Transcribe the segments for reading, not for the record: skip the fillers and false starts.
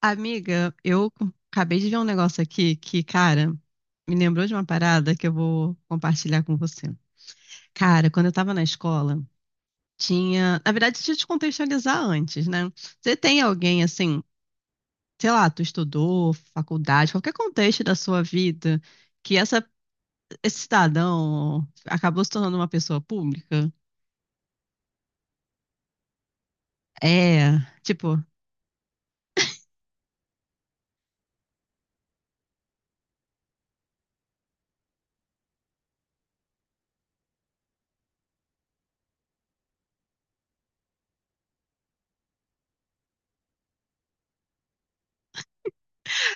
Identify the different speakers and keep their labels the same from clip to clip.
Speaker 1: Amiga, eu acabei de ver um negócio aqui que, cara, me lembrou de uma parada que eu vou compartilhar com você. Cara, quando eu tava na escola, tinha. Na verdade, deixa eu te contextualizar antes, né? Você tem alguém assim, sei lá, tu estudou, faculdade, qualquer contexto da sua vida, que essa, esse cidadão acabou se tornando uma pessoa pública? É, tipo,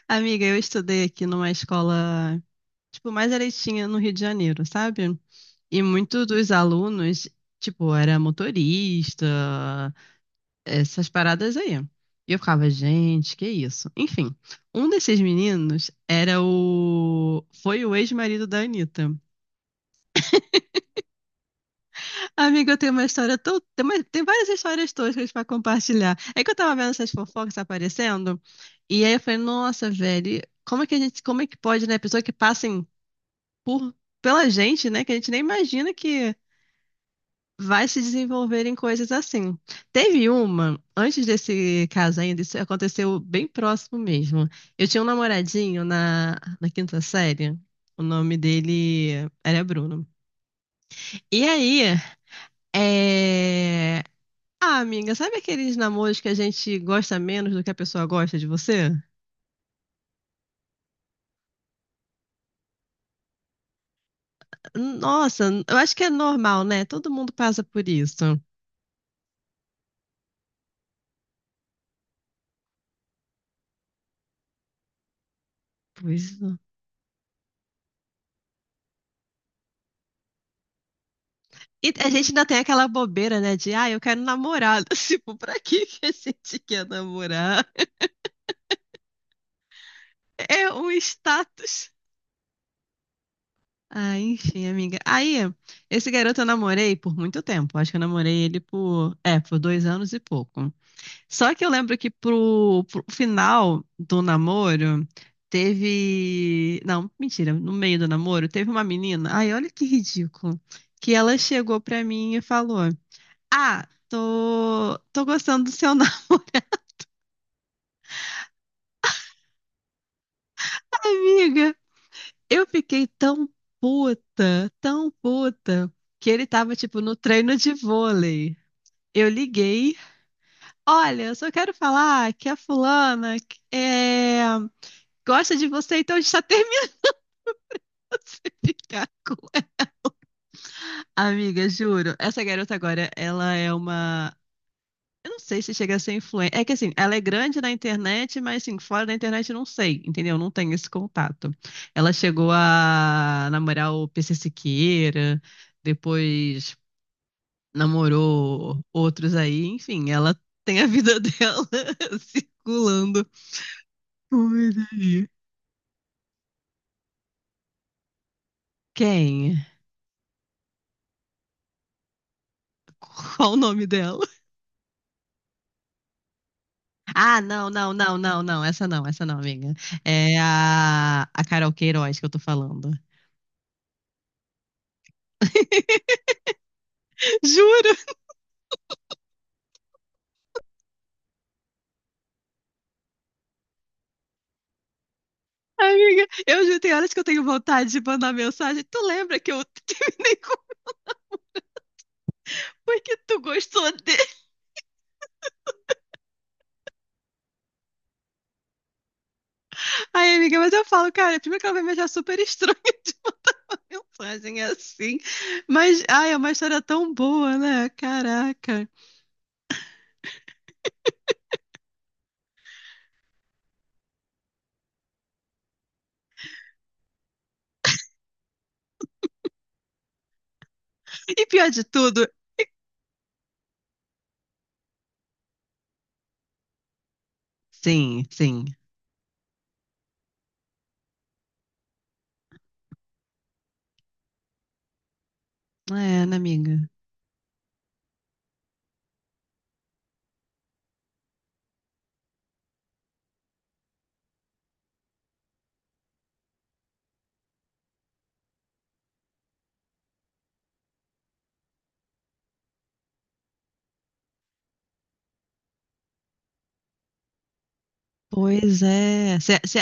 Speaker 1: amiga, eu estudei aqui numa escola, tipo, mais eleitinha no Rio de Janeiro, sabe? E muito dos alunos, tipo, era motorista, essas paradas aí. E eu ficava, gente, que isso? Enfim, um desses meninos era o. Foi o ex-marido da Anitta. Amiga, eu tenho uma história tão. Tem, tem várias histórias toscas pra compartilhar. É que eu tava vendo essas fofocas aparecendo, e aí eu falei, nossa, velho, como é que a gente. Como é que pode, né? Pessoa que passem por. Pela gente, né? Que a gente nem imagina que vai se desenvolver em coisas assim. Teve uma, antes desse caso ainda, isso aconteceu bem próximo mesmo. Eu tinha um namoradinho na quinta série, o nome dele era Bruno. E aí, é... ah, amiga, sabe aqueles namoros que a gente gosta menos do que a pessoa gosta de você? Nossa, eu acho que é normal, né? Todo mundo passa por isso. Pois e a gente ainda tem aquela bobeira, né? De, ah, eu quero namorar. Tipo, pra que que a gente quer namorar? É um status. Ah, enfim, amiga. Aí, esse garoto eu namorei por muito tempo. Acho que eu namorei ele por, é, por dois anos e pouco. Só que eu lembro que pro final do namoro, teve. Não, mentira, no meio do namoro, teve uma menina. Ai, olha que ridículo. Que ela chegou pra mim e falou: Ah, tô gostando do seu namoro. Amiga, eu fiquei tão puta, que ele tava, tipo, no treino de vôlei. Eu liguei. Olha, eu só quero falar que a fulana é, gosta de você, então a gente tá terminando de ficar com ela. Amiga, juro, essa garota agora, ela é uma. Eu não sei se chega a ser influente. É que assim, ela é grande na internet, mas assim, fora da internet eu não sei, entendeu? Não tenho esse contato. Ela chegou a namorar o PC Siqueira, depois namorou outros aí, enfim, ela tem a vida dela circulando por aí. Quem? Qual o nome dela? Ah, não, essa não, essa não, amiga. É a Carol Queiroz que eu tô falando. Juro! Amiga, eu já tem horas que eu tenho vontade de mandar mensagem. Tu lembra que eu terminei com o foi que tu gostou dele? Ai, amiga, mas eu falo, cara, primeiro que ela vai me achar super estranha de mandar mensagem assim. Mas, ai, é uma história tão boa, né? Caraca. E pior de tudo. Sim, sim. É, né, amiga? Pois é.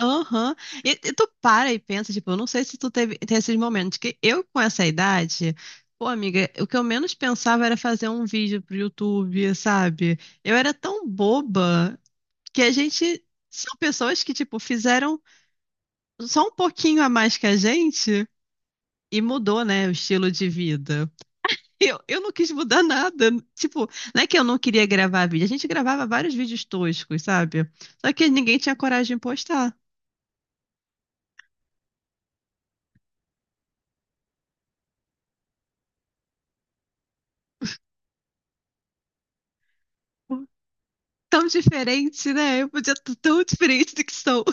Speaker 1: Aham. E tu para e pensa, tipo, eu não sei se tu teve, tem esses momentos, que eu com essa idade, pô, amiga, o que eu menos pensava era fazer um vídeo pro YouTube, sabe? Eu era tão boba que a gente. São pessoas que, tipo, fizeram só um pouquinho a mais que a gente e mudou, né, o estilo de vida. Eu não quis mudar nada. Tipo, não é que eu não queria gravar vídeo. A gente gravava vários vídeos toscos, sabe? Só que ninguém tinha coragem de postar. Tão diferente, né? Eu podia estar tão diferente do que sou.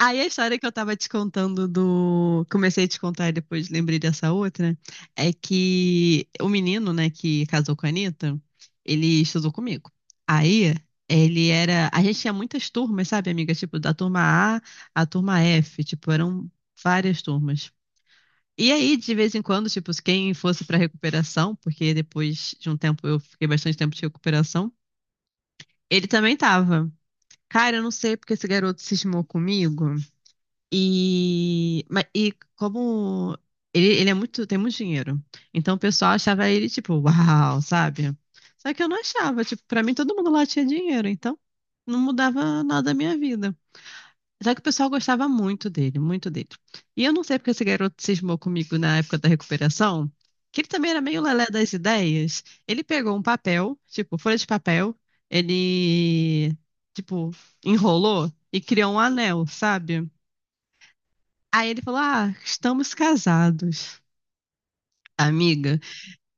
Speaker 1: Aí a história que eu tava te contando do. Comecei a te contar e depois lembrei dessa outra. É que o menino, né, que casou com a Anitta, ele estudou comigo. Aí ele era. A gente tinha muitas turmas, sabe, amiga? Tipo, da turma A à turma F. Tipo, eram várias turmas. E aí, de vez em quando, tipo, quem fosse pra recuperação, porque depois de um tempo eu fiquei bastante tempo de recuperação, ele também tava. Cara, eu não sei porque esse garoto cismou comigo. E, e como ele é muito, tem muito dinheiro. Então o pessoal achava ele tipo, uau, sabe? Só que eu não achava, tipo, pra mim todo mundo lá tinha dinheiro, então não mudava nada a minha vida. Só que o pessoal gostava muito dele, muito dele. E eu não sei porque esse garoto cismou comigo na época da recuperação, que ele também era meio lelé das ideias. Ele pegou um papel, tipo, folha de papel, ele, tipo, enrolou e criou um anel, sabe? Aí ele falou: Ah, estamos casados. Amiga.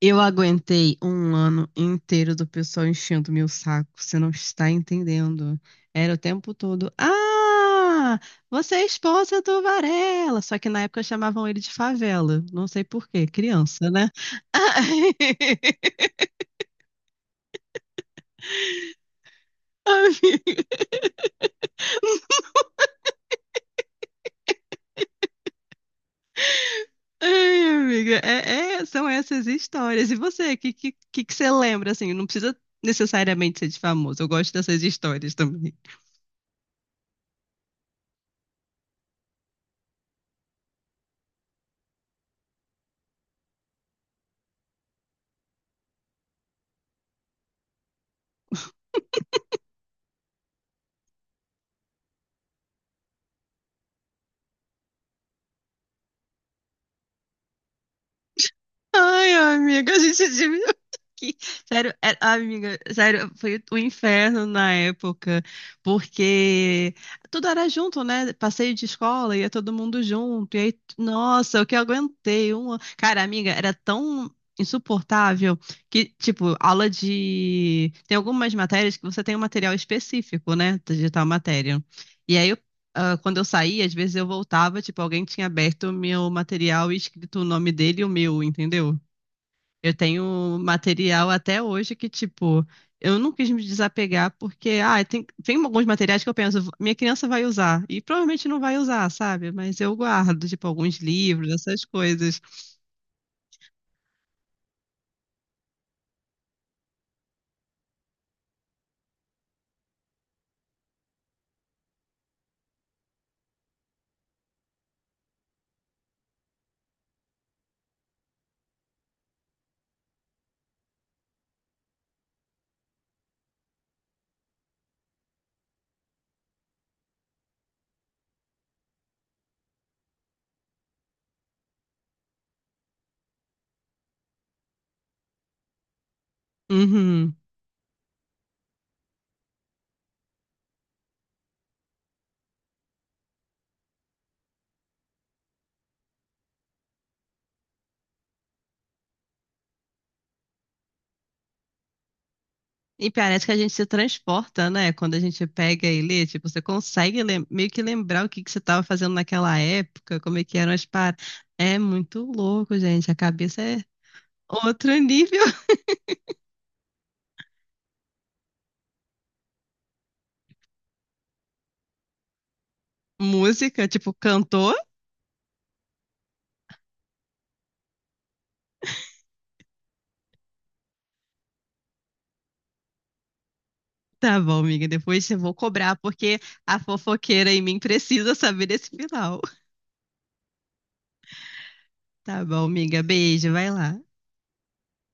Speaker 1: Eu aguentei um ano inteiro do pessoal enchendo meu saco, você não está entendendo. Era o tempo todo. Ah, você é esposa do Varela. Só que na época chamavam ele de favela. Não sei por quê, criança, né? Amiga, ai, amiga, são essas histórias. E você, o que, que você lembra? Assim, não precisa necessariamente ser de famoso. Eu gosto dessas histórias também. Ai, amiga, a gente admira aqui. Sério, amiga, sério, foi um inferno na época, porque tudo era junto, né? Passeio de escola, ia todo mundo junto. E aí, nossa, o que eu aguentei? Uma... Cara, amiga, era tão insuportável que, tipo, aula de. Tem algumas matérias que você tem um material específico, né? De tal matéria. E aí, ah, quando eu saía, às vezes eu voltava, tipo, alguém tinha aberto o meu material e escrito o nome dele e o meu, entendeu? Eu tenho material até hoje que, tipo, eu não quis me desapegar porque, ah, tem alguns materiais que eu penso, minha criança vai usar, e provavelmente não vai usar, sabe? Mas eu guardo, tipo, alguns livros, essas coisas. Uhum. E parece que a gente se transporta, né? Quando a gente pega e lê, tipo, você consegue meio que lembrar o que que você estava fazendo naquela época, como é que eram as paradas. É muito louco, gente. A cabeça é outro nível. Música, tipo, cantor? Tá bom, amiga. Depois eu vou cobrar, porque a fofoqueira em mim precisa saber desse final. Tá bom, amiga. Beijo, vai lá.